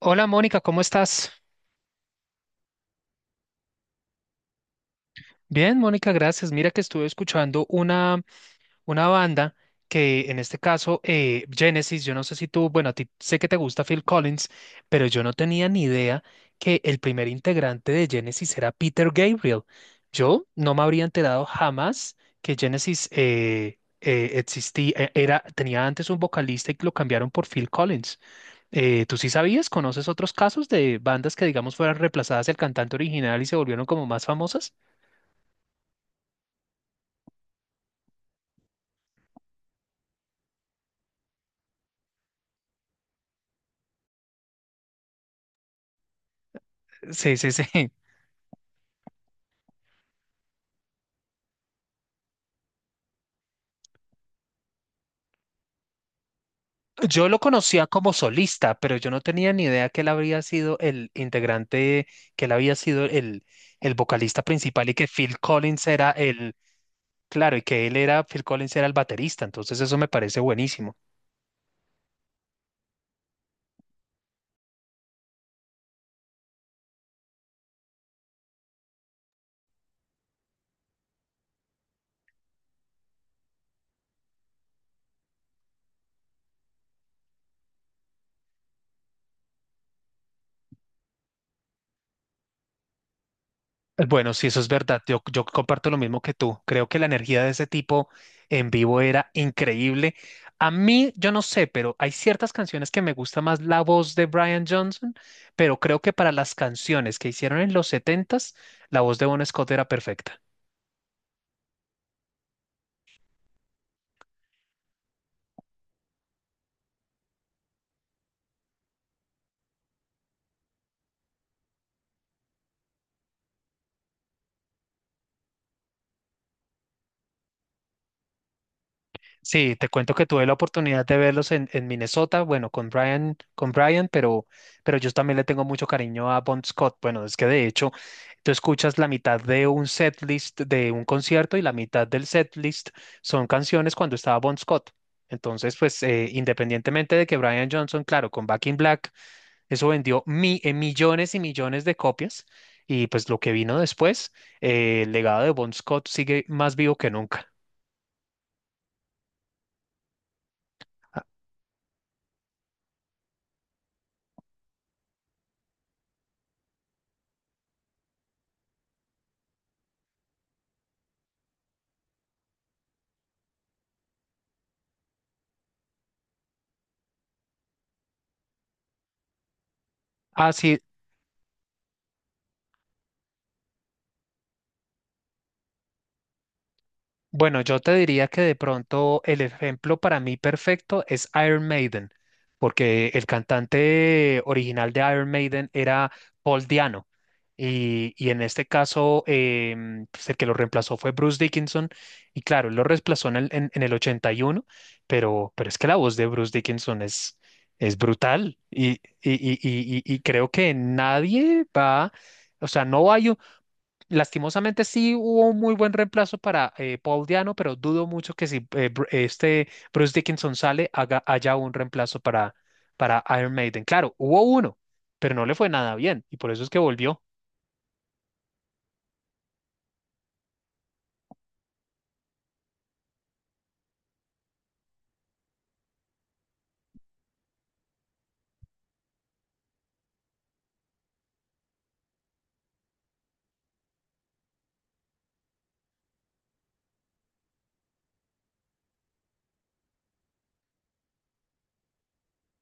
Hola Mónica, ¿cómo estás? Bien, Mónica, gracias. Mira que estuve escuchando una banda que en este caso, Genesis. Yo no sé si tú, bueno, a ti sé que te gusta Phil Collins, pero yo no tenía ni idea que el primer integrante de Genesis era Peter Gabriel. Yo no me habría enterado jamás que Genesis existía, era, tenía antes un vocalista y lo cambiaron por Phil Collins. ¿Tú sí sabías? ¿Conoces otros casos de bandas que, digamos, fueran reemplazadas del cantante original y se volvieron como más famosas? Sí, sí, sí. Yo lo conocía como solista, pero yo no tenía ni idea que él habría sido el integrante, que él había sido el vocalista principal y que Phil Collins era el, claro, y que él era, Phil Collins era el baterista. Entonces eso me parece buenísimo. Bueno, sí, eso es verdad. Yo comparto lo mismo que tú. Creo que la energía de ese tipo en vivo era increíble. A mí, yo no sé, pero hay ciertas canciones que me gusta más la voz de Brian Johnson, pero creo que para las canciones que hicieron en los setentas, la voz de Bon Scott era perfecta. Sí, te cuento que tuve la oportunidad de verlos en Minnesota, bueno, con Brian, pero yo también le tengo mucho cariño a Bon Scott. Bueno, es que de hecho, tú escuchas la mitad de un setlist de un concierto y la mitad del setlist son canciones cuando estaba Bon Scott. Entonces, pues, independientemente de que Brian Johnson, claro, con Back in Black, eso vendió millones y millones de copias. Y pues lo que vino después, el legado de Bon Scott sigue más vivo que nunca. Ah, ah, sí. Bueno, yo te diría que de pronto el ejemplo para mí perfecto es Iron Maiden, porque el cantante original de Iron Maiden era Paul Diano. Y en este caso, pues, el que lo reemplazó fue Bruce Dickinson. Y claro, él lo reemplazó en en el 81, pero es que la voz de Bruce Dickinson es brutal. Y creo que nadie va, o sea, no hay. Lastimosamente sí hubo un muy buen reemplazo para Paul Diano, pero dudo mucho que si Bruce Dickinson sale, haga, haya un reemplazo para Iron Maiden. Claro, hubo uno, pero no le fue nada bien y por eso es que volvió.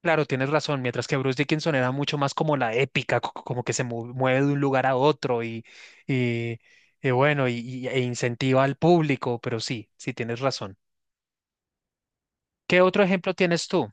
Claro, tienes razón, mientras que Bruce Dickinson era mucho más como la épica, como que mueve de un lugar a otro y, y bueno, e incentiva al público, pero sí, sí tienes razón. ¿Qué otro ejemplo tienes tú?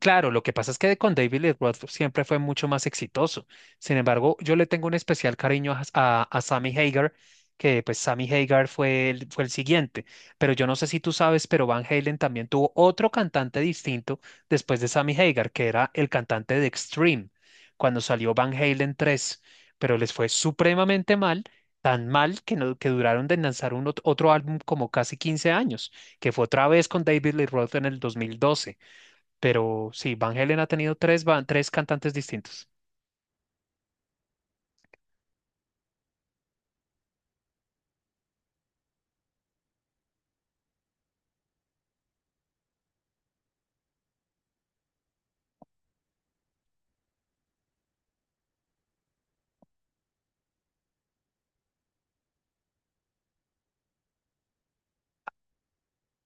Claro, lo que pasa es que con David Lee Roth siempre fue mucho más exitoso. Sin embargo, yo le tengo un especial cariño a Sammy Hagar, que pues Sammy Hagar fue el siguiente. Pero yo no sé si tú sabes, pero Van Halen también tuvo otro cantante distinto después de Sammy Hagar, que era el cantante de Extreme, cuando salió Van Halen tres. Pero les fue supremamente mal, tan mal que, no, que duraron de lanzar otro álbum como casi 15 años, que fue otra vez con David Lee Roth en el 2012. Pero sí, Van Halen ha tenido tres cantantes distintos.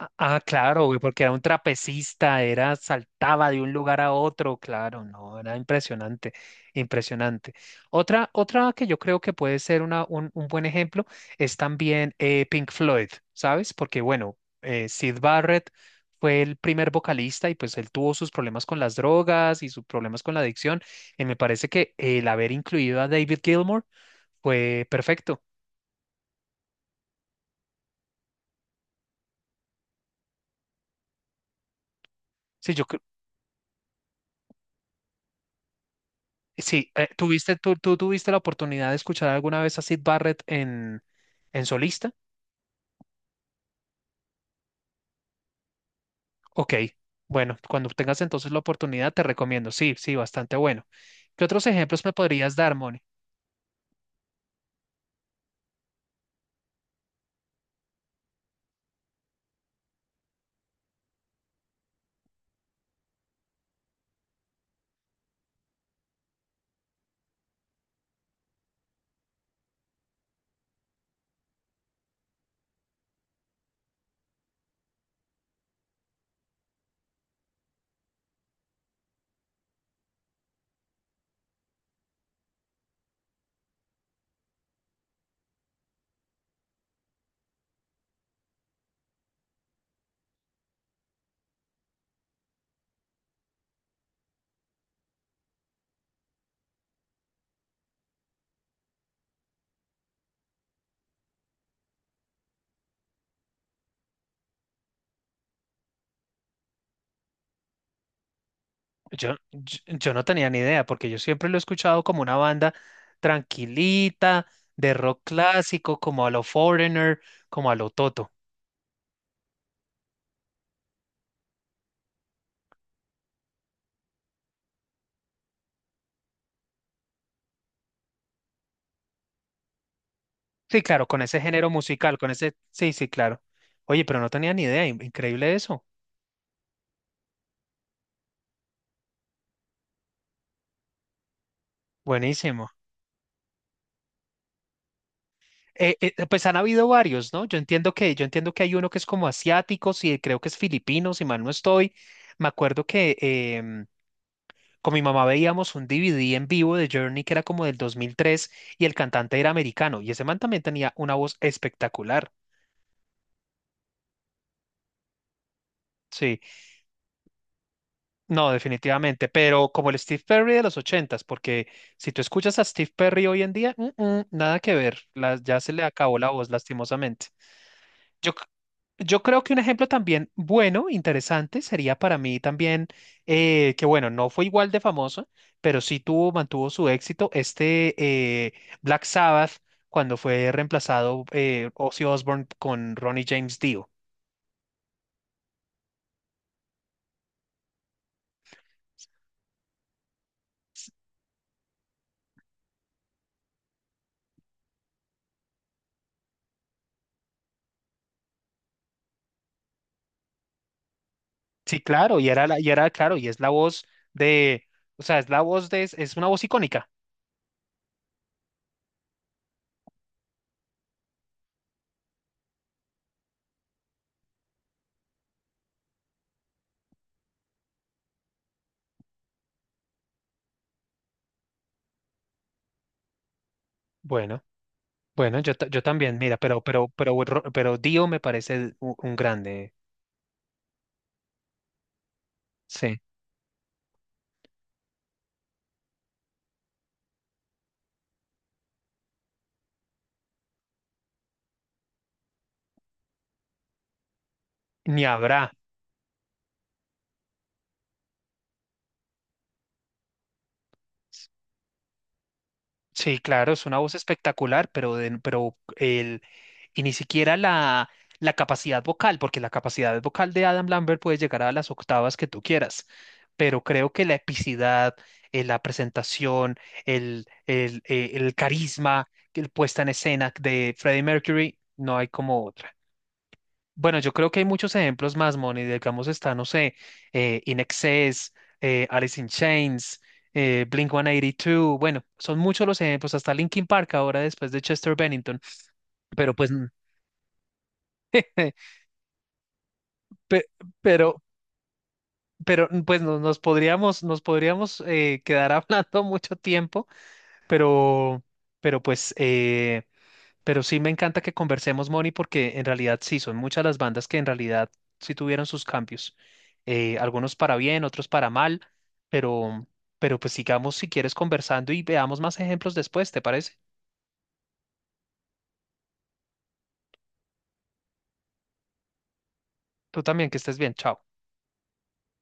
Ah, ah, claro, güey, porque era un trapecista, era, saltaba de un lugar a otro, claro, no, era impresionante, impresionante. Otra, otra que yo creo que puede ser un buen ejemplo es también Pink Floyd, ¿sabes? Porque bueno, Sid Barrett fue el primer vocalista y pues él tuvo sus problemas con las drogas y sus problemas con la adicción. Y me parece que el haber incluido a David Gilmour fue perfecto. Sí, yo, Sí, ¿tuviste, tú tuviste la oportunidad de escuchar alguna vez a Sid Barrett en solista? Ok, bueno, cuando tengas entonces la oportunidad te recomiendo. Sí, sí, bastante bueno. ¿Qué otros ejemplos me podrías dar, Moni? Yo no tenía ni idea, porque yo siempre lo he escuchado como una banda tranquilita, de rock clásico, como a lo Foreigner, como a lo Toto. Sí, claro, con ese género musical, con ese. Sí, sí, claro. Oye, pero no tenía ni idea, increíble eso. Buenísimo. Pues han habido varios, ¿no? Yo entiendo yo entiendo que hay uno que es como asiático, sí, creo que es filipino, si mal no estoy. Me acuerdo que con mi mamá veíamos un DVD en vivo de Journey que era como del 2003 y el cantante era americano y ese man también tenía una voz espectacular. Sí, no, definitivamente, pero como el Steve Perry de los ochentas, porque si tú escuchas a Steve Perry hoy en día, nada que ver, ya se le acabó la voz lastimosamente. Yo, Yo creo que un ejemplo también bueno, interesante, sería para mí también, que bueno, no fue igual de famoso, pero sí tuvo, mantuvo su éxito, eh, Black Sabbath, cuando fue reemplazado Ozzy Osbourne con Ronnie James Dio. Sí, claro, y era, claro, y es la voz de, o sea, es la voz de, es una voz icónica. Bueno, yo también, mira, pero Dio me parece un grande, sí, ni habrá. Sí, claro, es una voz espectacular, pero el, y ni siquiera la, la capacidad vocal, porque la capacidad vocal de Adam Lambert puede llegar a las octavas que tú quieras, pero creo que la epicidad, la presentación, el carisma, que el puesta en escena de Freddie Mercury, no hay como otra. Bueno, yo creo que hay muchos ejemplos más, Moni. Digamos, está, no sé, In Excess, Alice in Chains, Blink-182. Bueno, son muchos los ejemplos, hasta Linkin Park ahora después de Chester Bennington. Pero pues, pe- pero, pues nos podríamos quedar hablando mucho tiempo, pero, pero pues. Pero sí me encanta que conversemos, Moni, porque en realidad sí, son muchas las bandas que en realidad sí tuvieron sus cambios. Algunos para bien, otros para mal, pero, pero pues sigamos si quieres conversando y veamos más ejemplos después, ¿te parece? Tú también, que estés bien, chao.